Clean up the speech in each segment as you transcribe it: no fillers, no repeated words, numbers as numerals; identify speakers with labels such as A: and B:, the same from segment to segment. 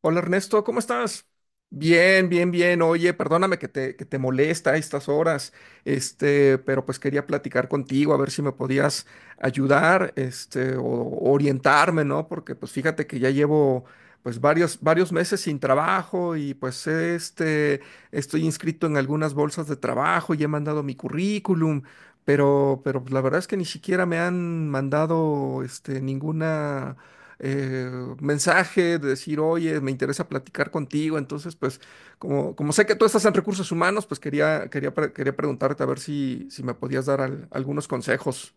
A: Hola Ernesto, ¿cómo estás? Bien, bien, bien. Oye, perdóname que te molesta a estas horas, pero pues quería platicar contigo a ver si me podías ayudar, o orientarme, ¿no? Porque pues fíjate que ya llevo pues varios, varios meses sin trabajo y pues estoy inscrito en algunas bolsas de trabajo y he mandado mi currículum, pero pues, la verdad es que ni siquiera me han mandado, ninguna eh, mensaje de decir, oye, me interesa platicar contigo. Entonces, pues, como sé que tú estás en recursos humanos, pues quería preguntarte a ver si me podías dar algunos consejos.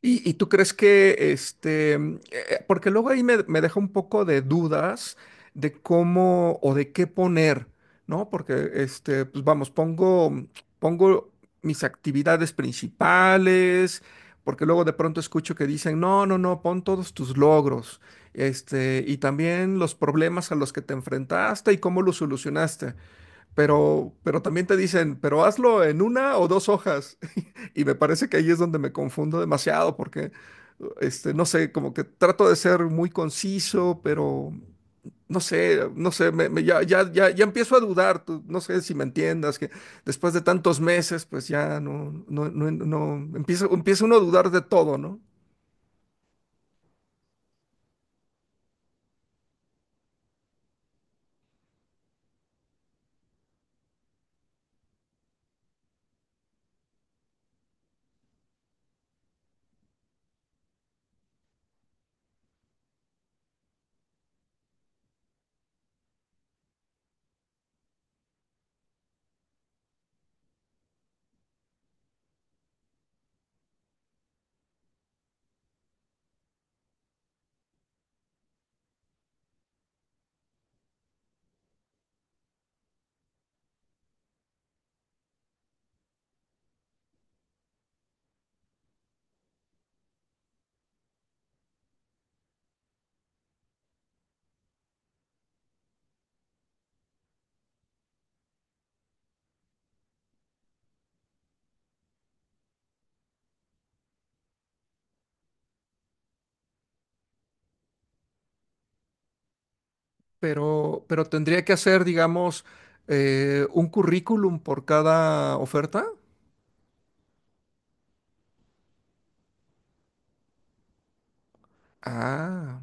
A: ¿Y tú crees que, porque luego ahí me deja un poco de dudas de cómo o de qué poner, ¿no? Porque, pues vamos, pongo mis actividades principales, porque luego de pronto escucho que dicen, no, no, no, pon todos tus logros, y también los problemas a los que te enfrentaste y cómo los solucionaste. Pero también te dicen, pero hazlo en una o dos hojas. Y me parece que ahí es donde me confundo demasiado, porque, no sé, como que trato de ser muy conciso, pero no sé, no sé, ya, ya, ya, ya empiezo a dudar. No sé si me entiendas, que después de tantos meses, pues ya no, no, no, no, empieza, empieza uno a dudar de todo, ¿no? Pero tendría que hacer, digamos, un currículum por cada oferta. Ah.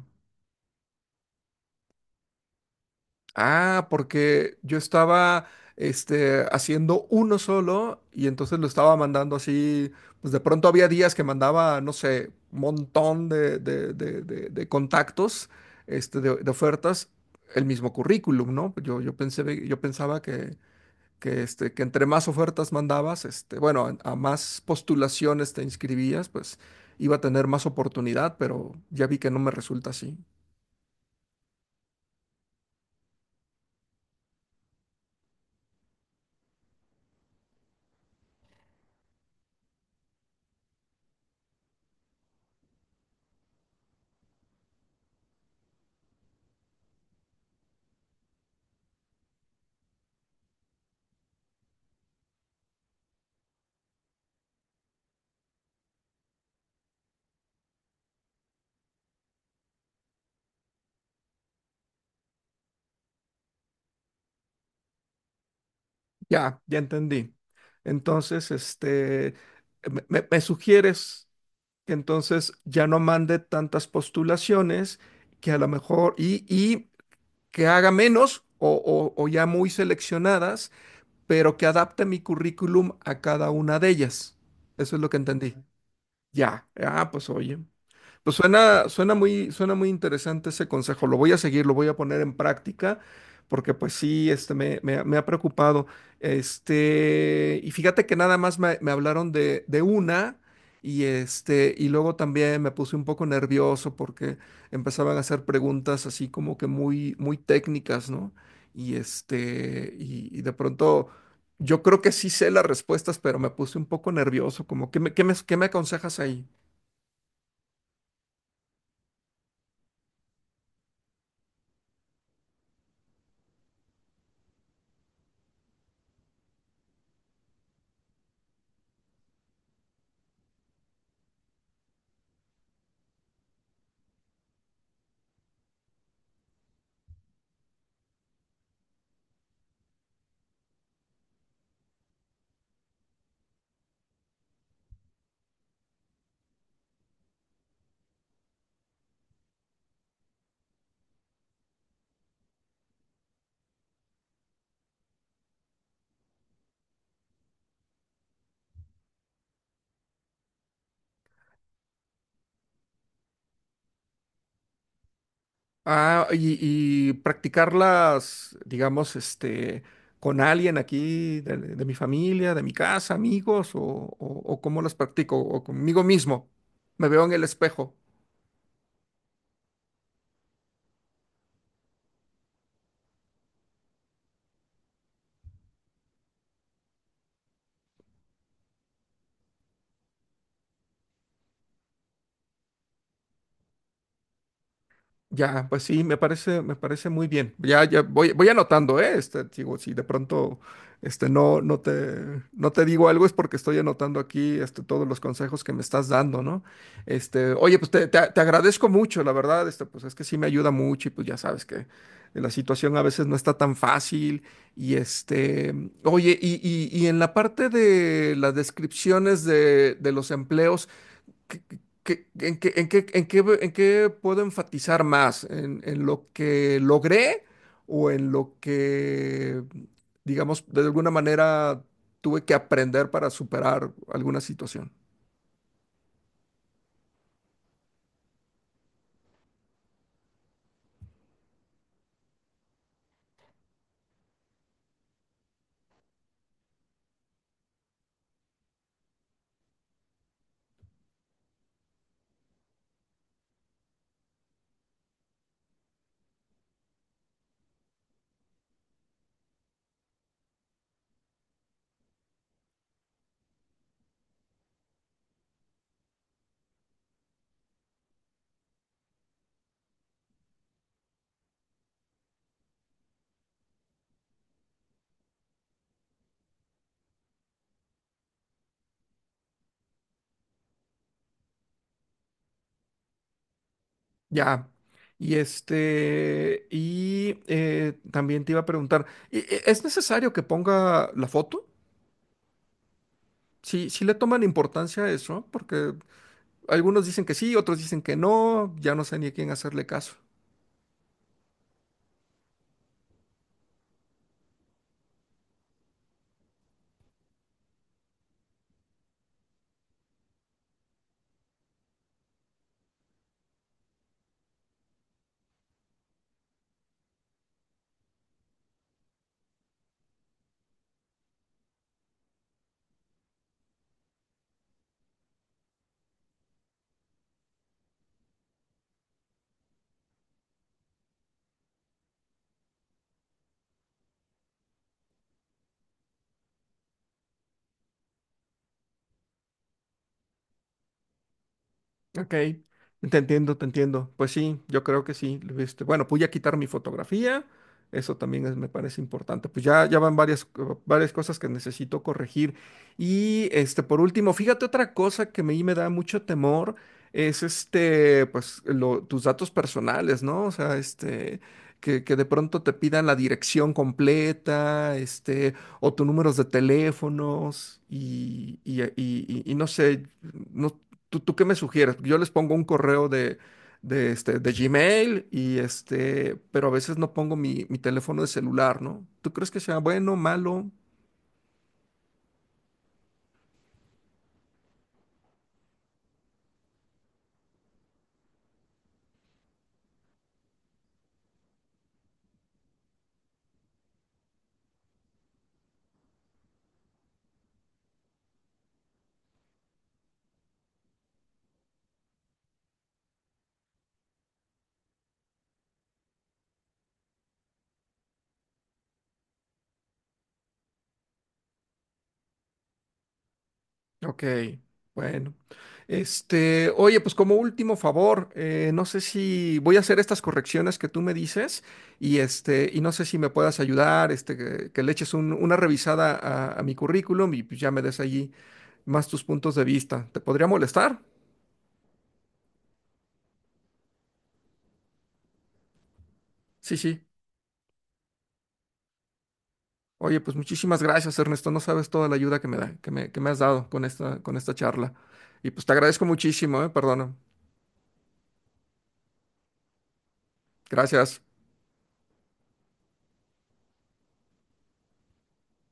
A: Ah, porque yo estaba haciendo uno solo y entonces lo estaba mandando así, pues de pronto había días que mandaba, no sé, un montón de contactos, de ofertas, el mismo currículum, ¿no? Yo pensé, yo pensaba que entre más ofertas mandabas, bueno, a más postulaciones te inscribías, pues iba a tener más oportunidad, pero ya vi que no me resulta así. Ya, ya entendí. Entonces, me sugieres que entonces ya no mande tantas postulaciones, que a lo mejor, y que haga menos o ya muy seleccionadas, pero que adapte mi currículum a cada una de ellas. Eso es lo que entendí. Ya, ah, pues oye. Pues suena muy interesante ese consejo. Lo voy a seguir, lo voy a poner en práctica, porque pues sí, me ha preocupado. Y fíjate que nada más me hablaron de una, y y luego también me puse un poco nervioso porque empezaban a hacer preguntas así como que muy, muy técnicas, ¿no? Y y de pronto. Yo creo que sí sé las respuestas, pero me puse un poco nervioso, como, qué me aconsejas ahí? Ah, y practicarlas, digamos, con alguien aquí de mi familia, de mi casa, amigos, o cómo las practico, o conmigo mismo. Me veo en el espejo. Ya, pues sí, me parece muy bien. Ya, ya voy anotando, ¿eh? Digo, si de pronto no, no te digo algo es porque estoy anotando aquí todos los consejos que me estás dando, ¿no? Oye, pues te agradezco mucho, la verdad, pues es que sí me ayuda mucho y pues ya sabes que la situación a veces no está tan fácil. Y este, oye, y en la parte de las descripciones de los empleos. ¿qué- en qué puedo enfatizar más? ¿En lo que logré o en lo que, digamos, de alguna manera tuve que aprender para superar alguna situación? Ya. Y también te iba a preguntar, ¿es necesario que ponga la foto? Sí, sí le toman importancia a eso, porque algunos dicen que sí, otros dicen que no, ya no sé ni a quién hacerle caso. Ok, te entiendo, te entiendo. Pues sí, yo creo que sí. Bueno, pude quitar mi fotografía, eso también me parece importante. Pues ya, ya van varias cosas que necesito corregir. Y por último, fíjate otra cosa que a mí me da mucho temor, es pues tus datos personales, ¿no? O sea, que de pronto te pidan la dirección completa, o tus números de teléfonos, y no sé. No. ¿Tú qué me sugieres? Yo les pongo un correo de Gmail y pero a veces no pongo mi teléfono de celular, ¿no? ¿Tú crees que sea bueno, malo? Ok, bueno. Oye, pues como último favor, no sé si voy a hacer estas correcciones que tú me dices y y no sé si me puedas ayudar, que le eches una revisada a mi currículum y pues, ya me des allí más tus puntos de vista. ¿Te podría molestar? Sí, sí. Oye, pues muchísimas gracias, Ernesto. No sabes toda la ayuda que me da, que me has dado con con esta charla. Y pues te agradezco muchísimo, ¿eh? Perdona. Gracias.